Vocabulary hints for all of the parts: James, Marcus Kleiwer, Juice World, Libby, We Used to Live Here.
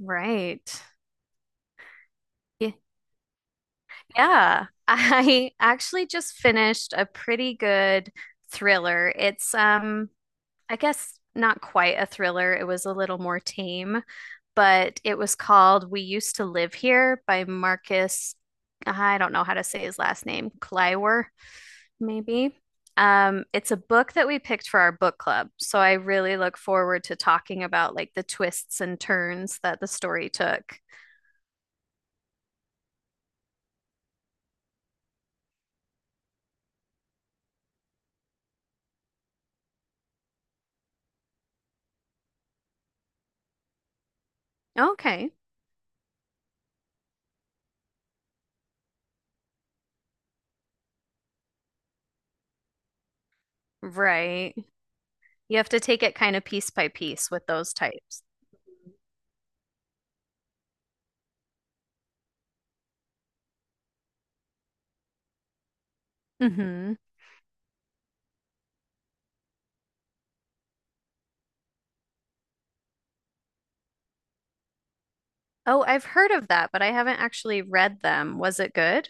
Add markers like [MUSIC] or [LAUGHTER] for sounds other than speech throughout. Right. Y- Yeah. I [LAUGHS] actually just finished a pretty good thriller. It's I guess not quite a thriller. It was a little more tame, but it was called We Used to Live Here by Marcus, I don't know how to say his last name, Kleiwer. Maybe. It's a book that we picked for our book club, so I really look forward to talking about the twists and turns that the story took. Okay. Right. You have to take it kind of piece by piece with those types. Mm-hmm. Oh, I've heard of that, but I haven't actually read them. Was it good?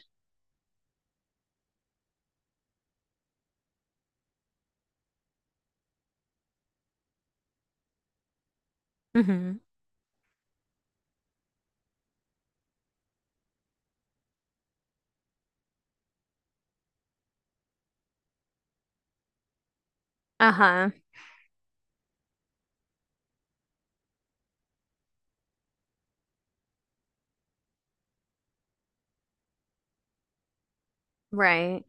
Mm-hmm. Uh-huh. Right.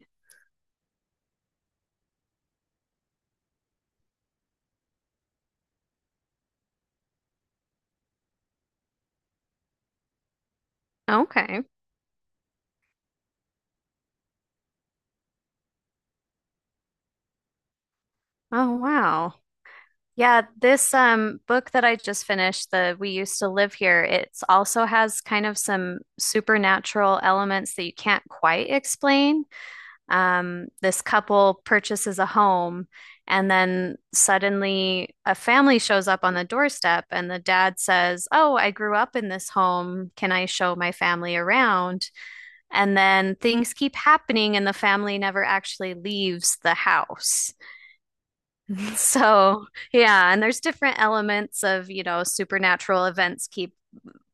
Okay. Oh, wow. Yeah, this book that I just finished, the We Used to Live Here, it's also has kind of some supernatural elements that you can't quite explain. This couple purchases a home and then suddenly a family shows up on the doorstep and the dad says, "Oh, I grew up in this home. Can I show my family around?" And then things keep happening and the family never actually leaves the house. [LAUGHS] So, yeah, and there's different elements of, you know, supernatural events keep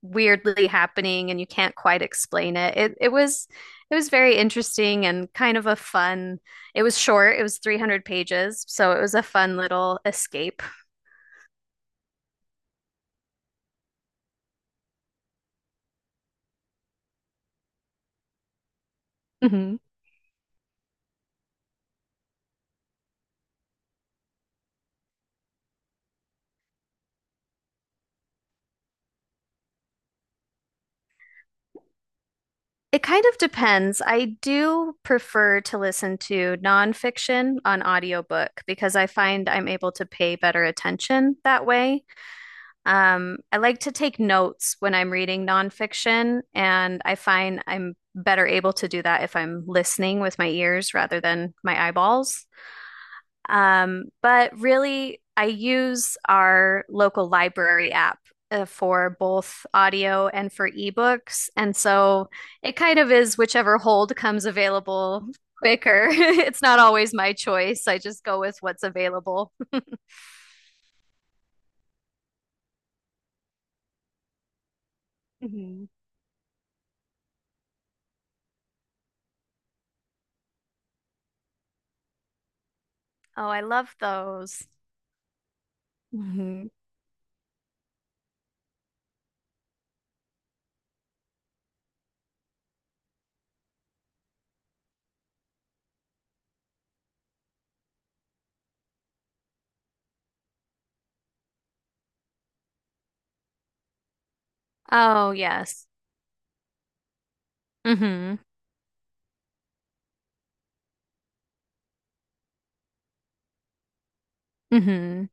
weirdly happening and you can't quite explain it. It was it was very interesting and kind of a fun. It was short, it was 300 pages, so it was a fun little escape. Mhm. It kind of depends. I do prefer to listen to nonfiction on audiobook because I find I'm able to pay better attention that way. I like to take notes when I'm reading nonfiction, and I find I'm better able to do that if I'm listening with my ears rather than my eyeballs. But really, I use our local library app for both audio and for ebooks. And so it kind of is whichever hold comes available quicker. [LAUGHS] It's not always my choice. I just go with what's available. Mhm. Oh, I love those. Mm-hmm. Oh, yes. Hmm. Hmm.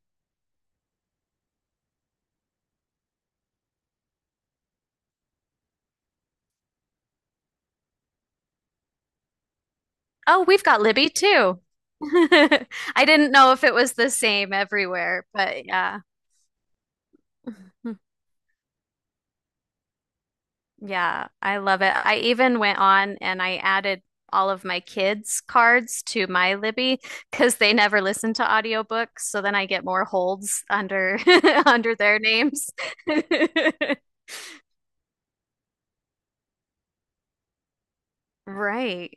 Oh, we've got Libby too. [LAUGHS] I didn't know if it was the same everywhere, but yeah. [LAUGHS] Yeah, I love it. I even went on and I added all of my kids' cards to my Libby because they never listen to audiobooks, so then I get more holds under [LAUGHS] under their names. [LAUGHS] Right.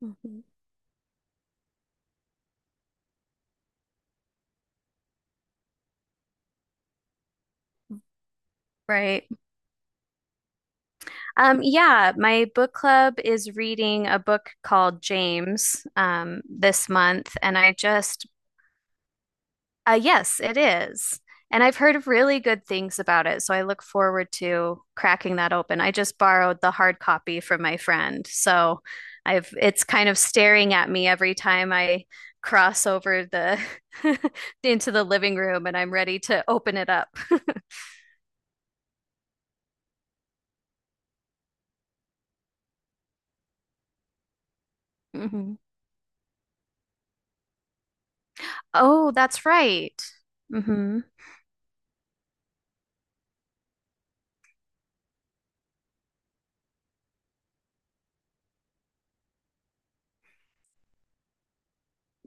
Mhm. Right. Yeah, my book club is reading a book called James this month, and I just, yes, it is. And I've heard really good things about it, so I look forward to cracking that open. I just borrowed the hard copy from my friend, so I've it's kind of staring at me every time I cross over the [LAUGHS] into the living room, and I'm ready to open it up. [LAUGHS] Mhm. Oh, that's right. Mm-hmm.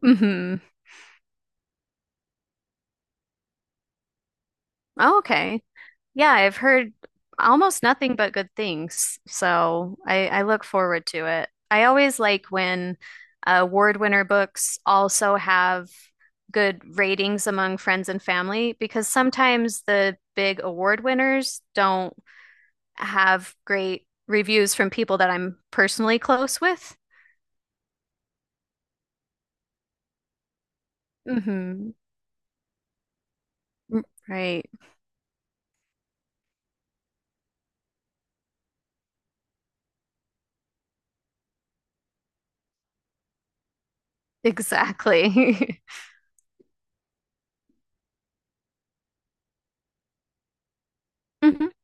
Mm-hmm. Oh, okay. Yeah, I've heard almost nothing but good things, so I look forward to it. I always like when award winner books also have good ratings among friends and family because sometimes the big award winners don't have great reviews from people that I'm personally close with. Hmm. Right. Exactly. [LAUGHS]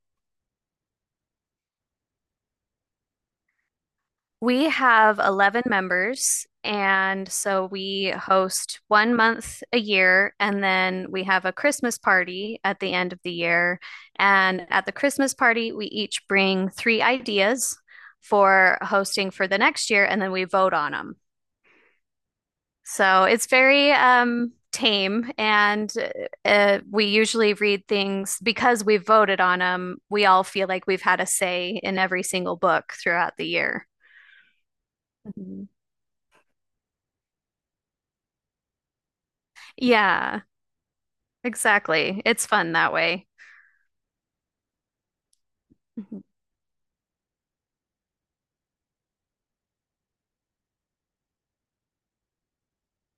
We have 11 members, and so we host 1 month a year, and then we have a Christmas party at the end of the year. And at the Christmas party, we each bring 3 ideas for hosting for the next year, and then we vote on them. So it's very tame, and we usually read things because we voted on them. We all feel like we've had a say in every single book throughout the year. Mhm. Yeah. Exactly. It's fun that way. Mhm.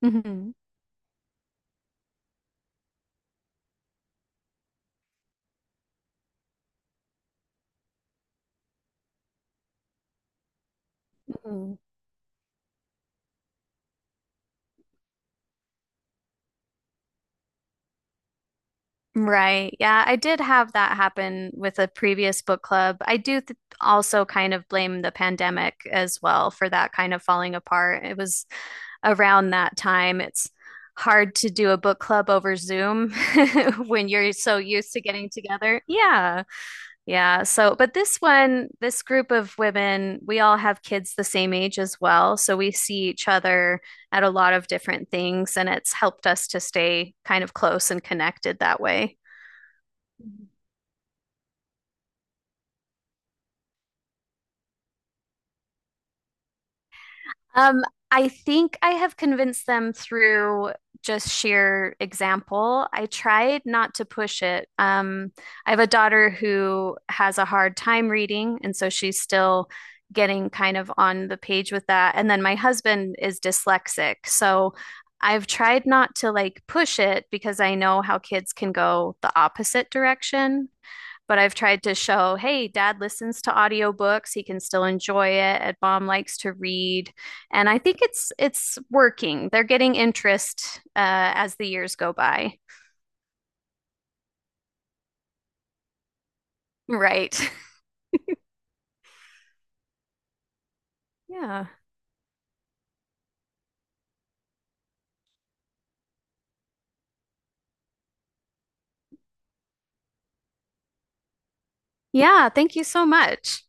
Mhm. Mhm. Right. Yeah, I did have that happen with a previous book club. I do th also kind of blame the pandemic as well for that kind of falling apart. It was around that time. It's hard to do a book club over Zoom [LAUGHS] when you're so used to getting together. Yeah. Yeah, so but this one, this group of women, we all have kids the same age as well, so we see each other at a lot of different things, and it's helped us to stay kind of close and connected that way. Um, I think I have convinced them through just sheer example. I tried not to push it. I have a daughter who has a hard time reading, and so she's still getting kind of on the page with that. And then my husband is dyslexic, so I've tried not to like push it because I know how kids can go the opposite direction, but I've tried to show, hey, dad listens to audiobooks, he can still enjoy it, and mom likes to read. And I think it's working. They're getting interest as the years go by. Right. [LAUGHS] Yeah. Yeah, thank you so much.